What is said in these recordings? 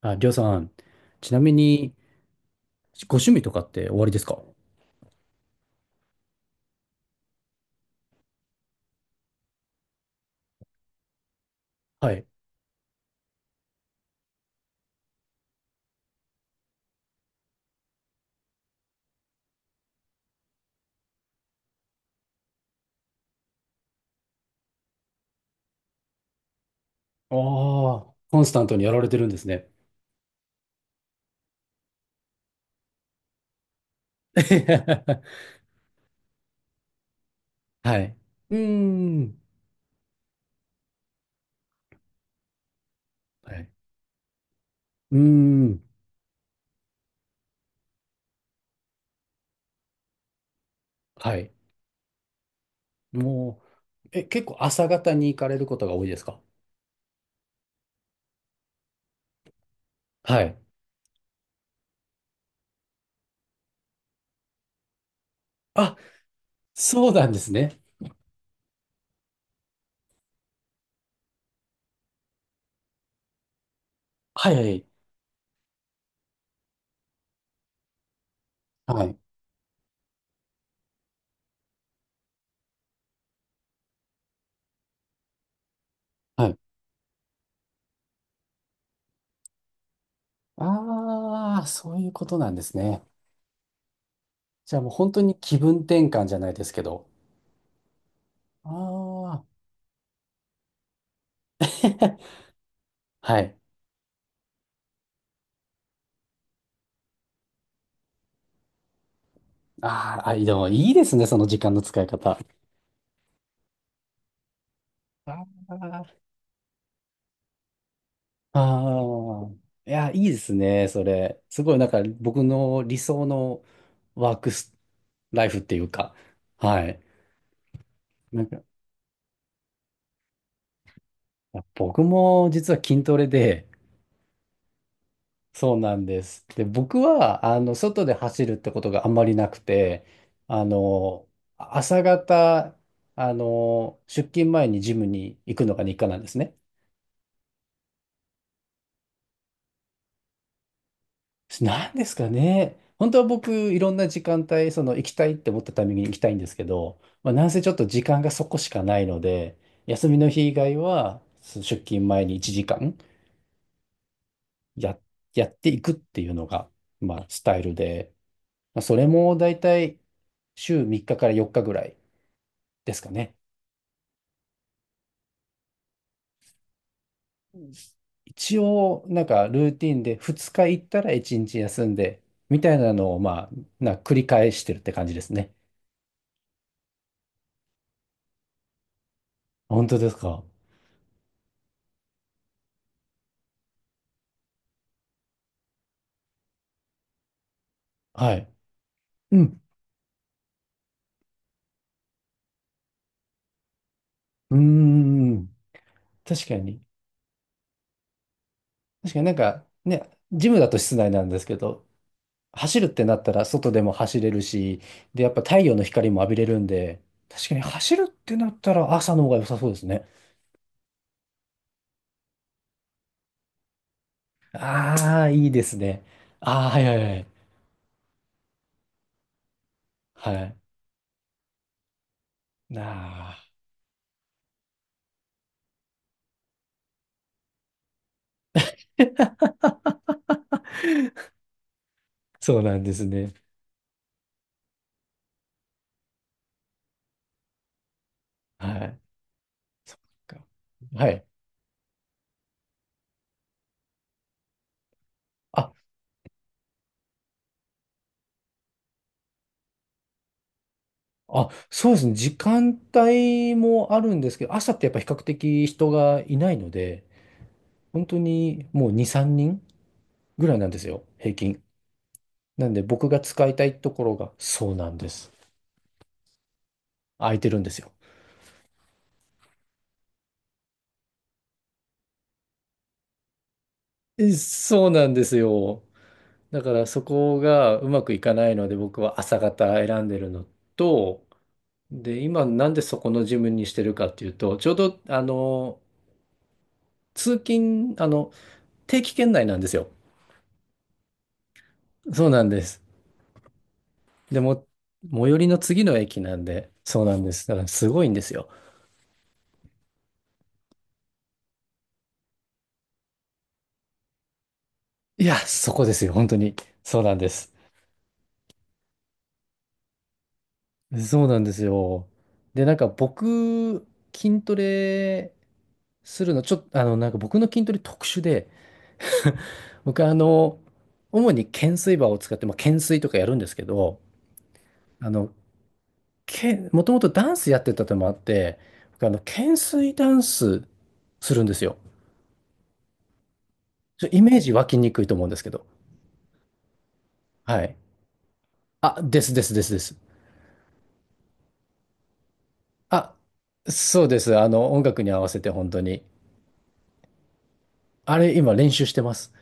あ、りょうさん、ちなみに、ご趣味とかっておありですか？はい。ああ、コンスタントにやられてるんですね。はい。うーん。はい。うーん。はい。もう、結構朝方に行かれることが多いですか？はい。あ、そうなんですね。はいはい。はい。はい。ああ、そういうことなんですね。じゃあもう本当に気分転換じゃないですけど。ああ。はい。あーあ、でもいいですね、その時間の使い方。あーああ、いや、いいですね、それ。すごい、なんか僕の理想のワークス、ライフっていうか、はい。なんか、僕も実は筋トレで、そうなんです。で、僕は、あの、外で走るってことがあんまりなくて、あの、朝方、あの、出勤前にジムに行くのが日課なんですね。なんですかね。本当は僕、いろんな時間帯、その行きたいって思ったタイミングに行きたいんですけど、まあ、なんせちょっと時間がそこしかないので、休みの日以外は、その出勤前に1時間や、やっていくっていうのが、まあ、スタイルで、まあ、それもだいたい週3日から4日ぐらいですかね。うん。一応、なんかルーティンで2日行ったら1日休んで、みたいなのを、まあ、繰り返してるって感じですね。本当ですか？はい。うん。うーん、確かに。確かになんかね、ジムだと室内なんですけど、走るってなったら外でも走れるし、で、やっぱ太陽の光も浴びれるんで、確かに走るってなったら朝の方が良さそうですね。ああ、いいですね。ああ、はいはいはい。はい。ああ、そうなんですね。はい。そっか。はい。あ、そうですね。時間帯もあるんですけど、朝ってやっぱ比較的人がいないので、本当にもう2、3人ぐらいなんですよ、平均。なんで僕が使いたいところがそうなんです。空いてるんですよ。そうなんですよ。だからそこがうまくいかないので僕は朝方選んでるのと、で、今なんでそこのジムにしてるかっていうと、ちょうどあの、通勤、あの、定期圏内なんですよ。そうなんです。でも、最寄りの次の駅なんで、そうなんです。だからすごいんですよ。いや、そこですよ、本当に。そうなんです。そうなんですよ。で、なんか僕、筋トレするの、ちょっと、あの、なんか僕の筋トレ特殊で、僕、あの、主に懸垂バーを使って、まあ、懸垂とかやるんですけど、あの、もともとダンスやってたのもあって、僕、あの、懸垂ダンスするんですよ。イメージ湧きにくいと思うんですけど。はい。あ、ですですですです。あ、そうです。あの、音楽に合わせて本当に。あれ、今練習してます。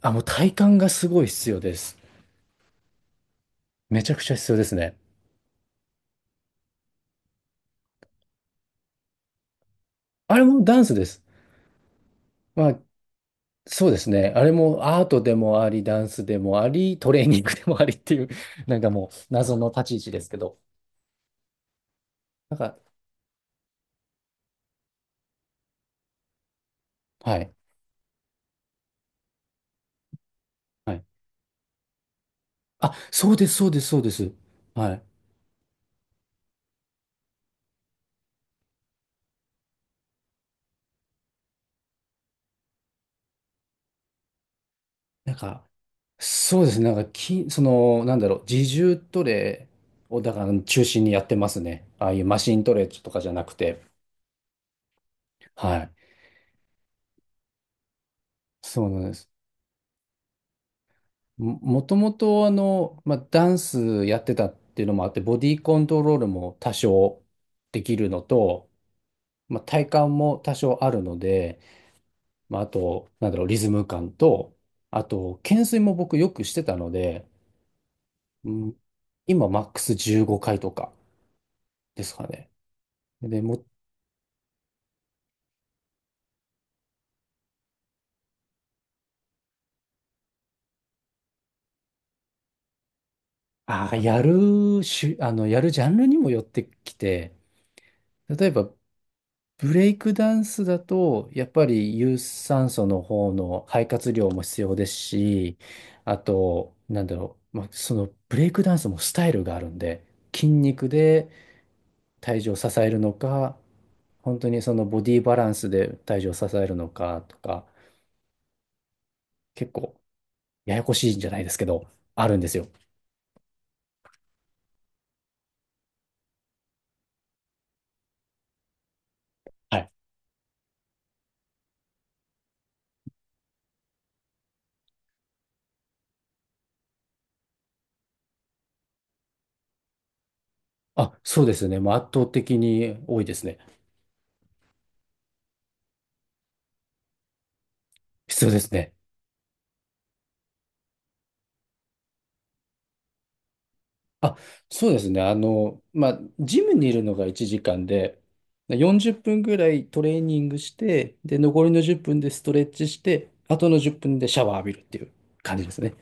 あ、もう体幹がすごい必要です。めちゃくちゃ必要ですね。あれもダンスです。まあ、そうですね。あれもアートでもあり、ダンスでもあり、トレーニングでもありっていう、なんかもう謎の立ち位置ですけど。なんか、はい。はい。あ、そうです、そうです、そうです。はい。なんか、そうですね。なんか、その、なんだろう、自重トレを、だから中心にやってますね。ああいうマシントレとかじゃなくて。はい。そうなんです。もともとあの、まあ、ダンスやってたっていうのもあって、ボディコントロールも多少できるのと、まあ、体幹も多少あるので、まあ、あと、なんだろう、リズム感と、あと、懸垂も僕よくしてたので、うん、今マックス15回とかですかね。で、も、ああ、やるしゅ、あの、やるジャンルにもよってきて、例えばブレイクダンスだと、やっぱり有酸素の方の肺活量も必要ですし、あと、なんだろう、まあ、そのブレイクダンスもスタイルがあるんで、筋肉で体重を支えるのか、本当にそのボディバランスで体重を支えるのかとか、結構ややこしいんじゃないですけど、あるんですよ。はい。あ、そうですね。まあ圧倒的に多いですね。必要ですね。あ、そうですね。あの、まあ、ジムにいるのが1時間で、40分ぐらいトレーニングして、で、残りの10分でストレッチして、あとの10分でシャワー浴びるっていう感じですね。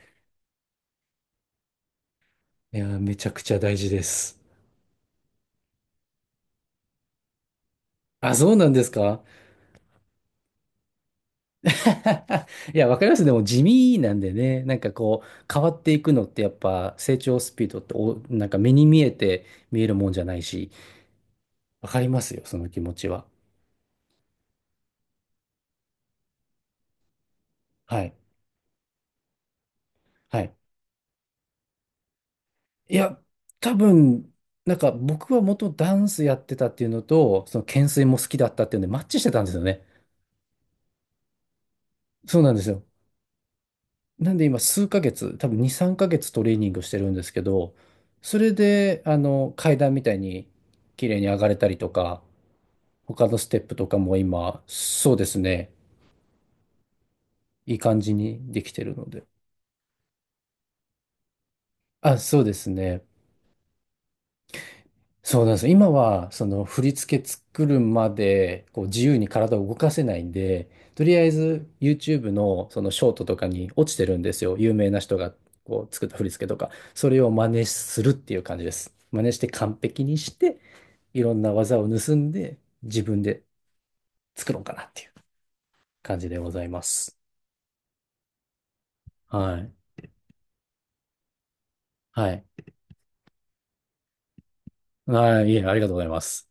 いやー、めちゃくちゃ大事です。あ、そうなんですか？ いや、わかります。でも地味なんでね、なんかこう、変わっていくのってやっぱ成長スピードってなんか目に見えて見えるもんじゃないし、わかりますよ、その気持ちは。はい。はい。いや、多分、なんか僕は元ダンスやってたっていうのと、その懸垂も好きだったっていうのでマッチしてたんですよね。そうなんですよ。なんで今数ヶ月、多分2、3ヶ月トレーニングしてるんですけど、それで、あの、階段みたいに綺麗に上がれたりとか、他のステップとかも今、そうですね、いい感じにできてるので。あ、そうですね。そうなんです。今は、その振り付け作るまで、こう自由に体を動かせないんで、とりあえず YouTube のそのショートとかに落ちてるんですよ。有名な人がこう作った振り付けとか。それを真似するっていう感じです。真似して完璧にして、いろんな技を盗んで、自分で作ろうかなっていう感じでございます。はい。はい。はい。いえ、ありがとうございます。